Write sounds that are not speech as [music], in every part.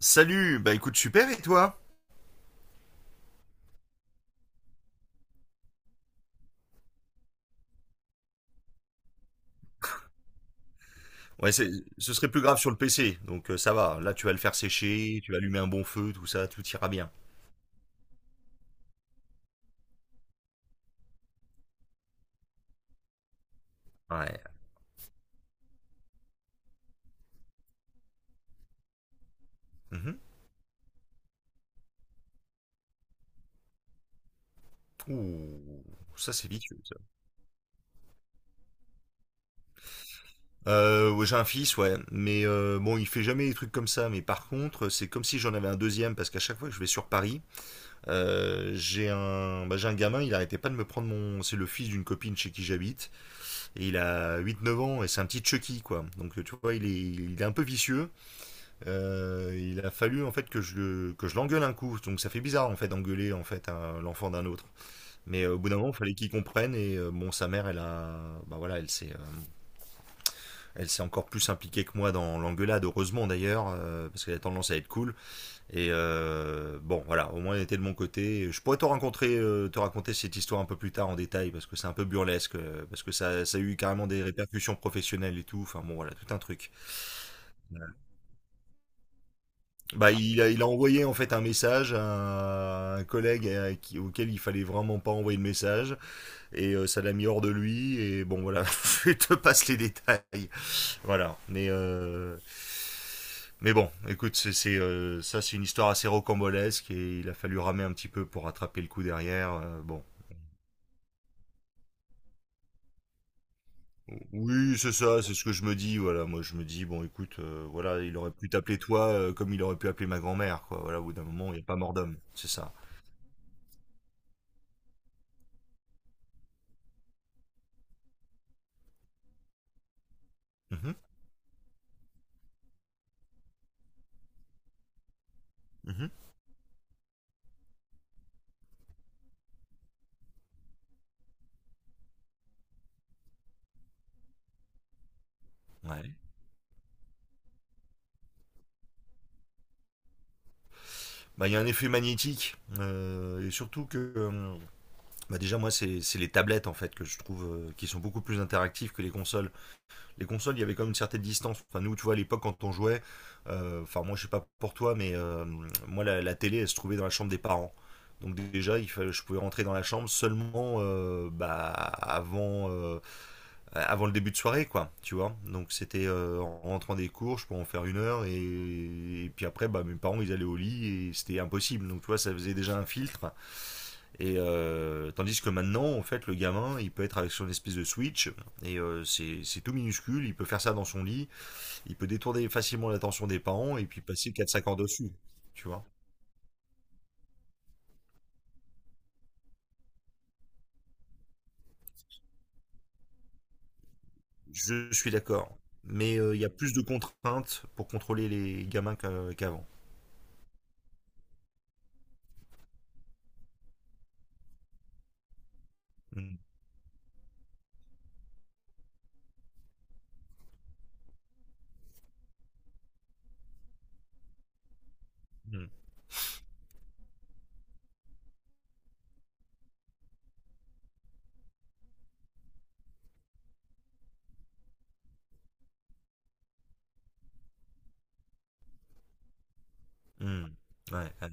Salut, bah écoute, super, et toi? Ouais, ce serait plus grave sur le PC, donc ça va. Là, tu vas le faire sécher, tu vas allumer un bon feu, tout ça, tout ira bien. Ouais. Mhm. Ouh, ça c'est vicieux, ça. Ouais, j'ai un fils, ouais, mais bon, il fait jamais des trucs comme ça. Mais par contre, c'est comme si j'en avais un deuxième, parce qu'à chaque fois que je vais sur Paris, j'ai un gamin, il arrêtait pas de me prendre mon, c'est le fils d'une copine chez qui j'habite, et il a 8, 9 ans, et c'est un petit Chucky, quoi. Donc tu vois, il est un peu vicieux. Il a fallu en fait que je l'engueule un coup, donc ça fait bizarre en fait d'engueuler en fait l'enfant d'un autre. Mais au bout d'un moment, il fallait qu'il comprenne et bon, sa mère, elle a, bah voilà, elle s'est encore plus impliquée que moi dans l'engueulade, heureusement d'ailleurs, parce qu'elle a tendance à être cool. Et bon, voilà, au moins elle était de mon côté. Je pourrais te raconter cette histoire un peu plus tard en détail parce que c'est un peu burlesque, parce que ça a eu carrément des répercussions professionnelles et tout. Enfin bon, voilà, tout un truc. Bah, il a envoyé en fait un message à un collègue auquel il fallait vraiment pas envoyer le message et ça l'a mis hors de lui et bon voilà, [laughs] je te passe les détails. Voilà, mais mais bon, écoute, ça c'est une histoire assez rocambolesque et il a fallu ramer un petit peu pour rattraper le coup derrière. Bon. Oui, c'est ça, c'est ce que je me dis. Voilà, moi je me dis bon, écoute, voilà, il aurait pu t'appeler toi comme il aurait pu appeler ma grand-mère, quoi. Voilà, au bout d'un moment, il n'y a pas mort d'homme, c'est ça. Mhm, mhm. Ouais. Bah, il y a un effet magnétique et surtout que bah, déjà moi c'est les tablettes en fait que je trouve qui sont beaucoup plus interactives que les consoles. Les consoles il y avait quand même une certaine distance. Enfin nous tu vois à l'époque quand on jouait, enfin moi je sais pas pour toi mais moi la télé elle se trouvait dans la chambre des parents. Donc déjà il fallait, je pouvais rentrer dans la chambre seulement bah, avant le début de soirée, quoi, tu vois. Donc c'était en rentrant des cours, je pouvais en faire une heure, et puis après, bah, mes parents, ils allaient au lit, et c'était impossible. Donc tu vois, ça faisait déjà un filtre. Et tandis que maintenant, en fait, le gamin, il peut être avec son espèce de switch, et c'est tout minuscule, il peut faire ça dans son lit, il peut détourner facilement l'attention des parents, et puis passer quatre cinq heures dessus, tu vois. Je suis d'accord. Mais il y a plus de contraintes pour contrôler les gamins qu'avant. Mm, mm, mm. Ouais, ouais.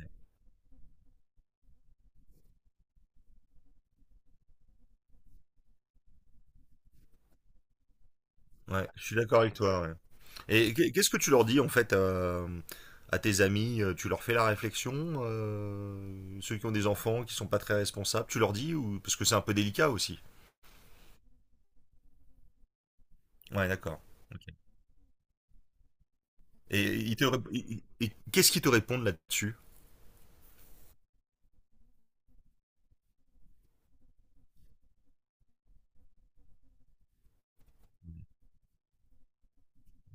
Ouais, je suis d'accord avec toi. Ouais. Et qu'est-ce que tu leur dis en fait à tes amis tu leur fais la réflexion ceux qui ont des enfants, qui sont pas très responsables, tu leur dis ou parce que c'est un peu délicat aussi. Ouais, d'accord. Ok. Et, ils te rép- ils- ils- qu'est-ce qu'ils te répondent là-dessus?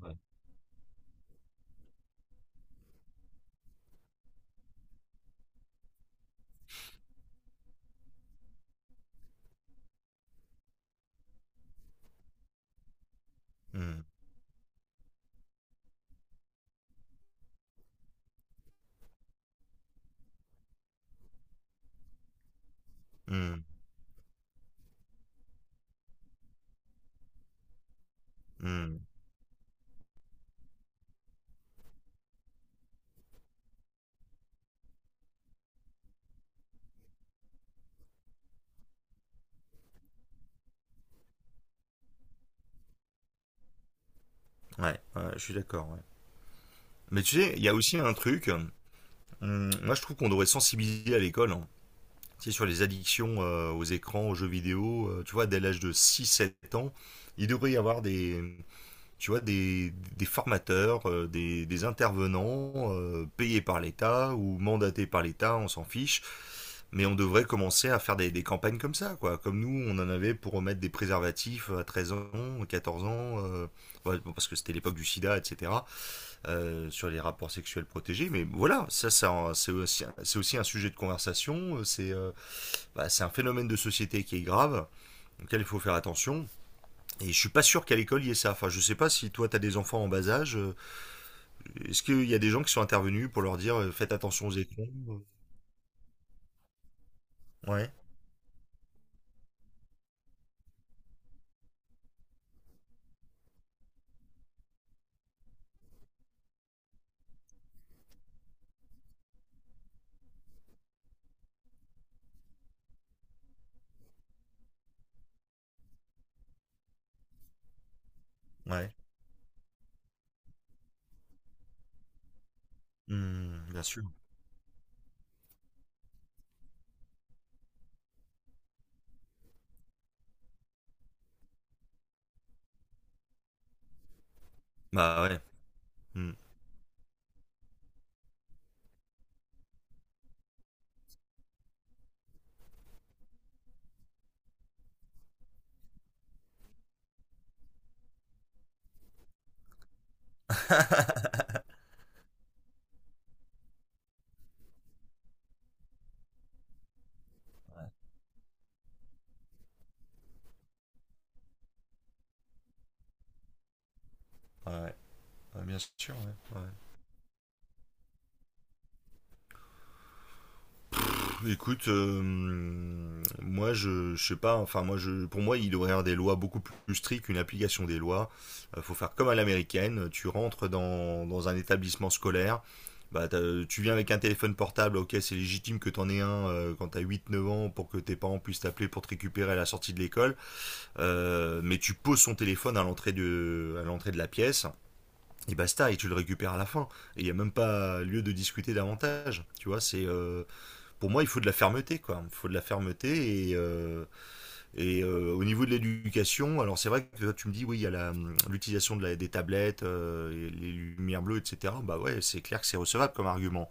Ouais. Hmm, hmm, hmm. Ouais, ouais, je suis d'accord. Ouais. Mais tu sais, il y a aussi un truc. Moi, je trouve qu'on devrait sensibiliser à l'école, hein. Sais, sur les addictions aux écrans, aux jeux vidéo, tu vois, dès l'âge de six sept ans, il devrait y avoir des, tu vois, des, formateurs, des intervenants payés par l'État ou mandatés par l'État, on s'en fiche, mais on devrait commencer à faire des campagnes comme ça, quoi. Comme nous, on en avait pour remettre des préservatifs à 13 ans, 14 ans, ouais, bon, parce que c'était l'époque du sida, etc., sur les rapports sexuels protégés, mais voilà, ça c'est aussi un sujet de conversation, c'est bah, c'est un phénomène de société qui est grave, auquel il faut faire attention. Et je ne suis pas sûr qu'à l'école il y ait ça. Enfin, je ne sais pas si toi tu as des enfants en bas âge. Est-ce qu'il y a des gens qui sont intervenus pour leur dire faites attention aux écrans euh Ouais, ouais. Hmm, bien sûr. Bah ouais. Hmm. [laughs] Ouais, ouais, bien sûr, ouais. Ouais. Écoute, moi je sais pas, enfin moi je, pour moi il devrait y avoir des lois beaucoup plus strictes, une application des lois. Faut faire comme à l'américaine, tu rentres dans un établissement scolaire, bah, tu viens avec un téléphone portable, ok c'est légitime que t'en aies un quand t'as 8, 9 ans pour que tes parents puissent t'appeler pour te récupérer à la sortie de l'école. Mais tu poses son téléphone à l'entrée de la pièce. Et basta, et tu le récupères à la fin. Et il n'y a même pas lieu de discuter davantage. Tu vois, c'est pour moi, il faut de la fermeté, quoi. Il faut de la fermeté et au niveau de l'éducation, alors c'est vrai que tu me dis oui, il y a l'utilisation de des tablettes, et les lumières bleues, etc. Bah ouais, c'est clair que c'est recevable comme argument.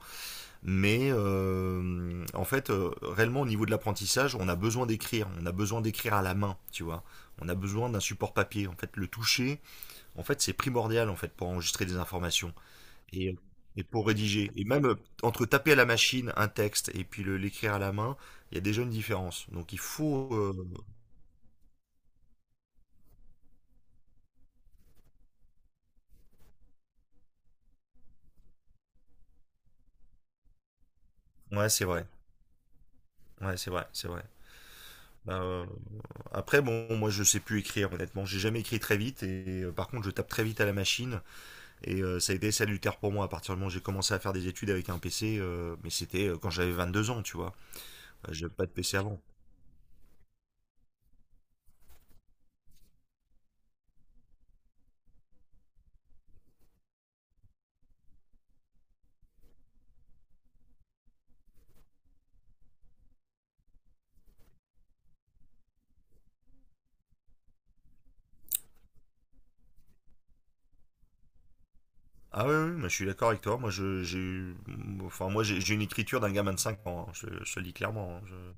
Mais en fait, réellement au niveau de l'apprentissage, on a besoin d'écrire, on a besoin d'écrire à la main, tu vois. On a besoin d'un support papier. En fait, le toucher, en fait, c'est primordial en fait pour enregistrer des informations et, euh, et pour rédiger. Et même entre taper à la machine un texte et puis l'écrire à la main, il y a déjà une différence. Donc il faut. Ouais, c'est vrai. Ouais, c'est vrai, c'est vrai. Bah, après, bon, moi je sais plus écrire, honnêtement. J'ai jamais écrit très vite et par contre, je tape très vite à la machine et ça a été salutaire pour moi à partir du moment où j'ai commencé à faire des études avec un PC, mais c'était quand j'avais 22 ans, tu vois. J'avais pas de PC avant. Ah oui, oui, mais je suis d'accord avec toi. Moi, je, j'ai, eu- enfin, moi, j'ai une écriture d'un gamin de 5 ans, hein. Je le dis clairement, hein.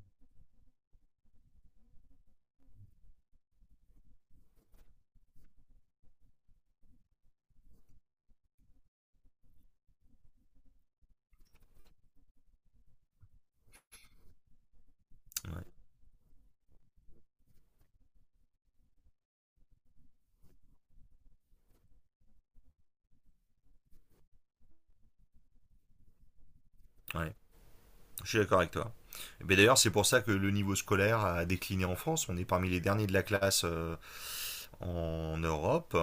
Ouais. Ouais, je suis d'accord avec toi. Mais d'ailleurs, c'est pour ça que le niveau scolaire a décliné en France. On est parmi les derniers de la classe en Europe.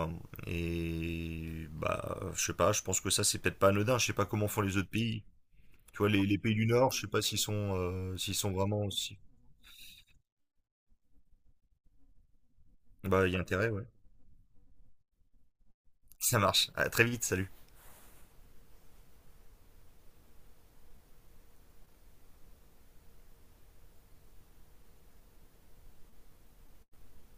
Et bah, je sais pas, je pense que ça, c'est peut-être pas anodin. Je sais pas comment font les autres pays. Tu vois, les pays du Nord, je sais pas s'ils sont vraiment aussi. Bah, il y a intérêt, ouais. Ça marche. À très vite, salut.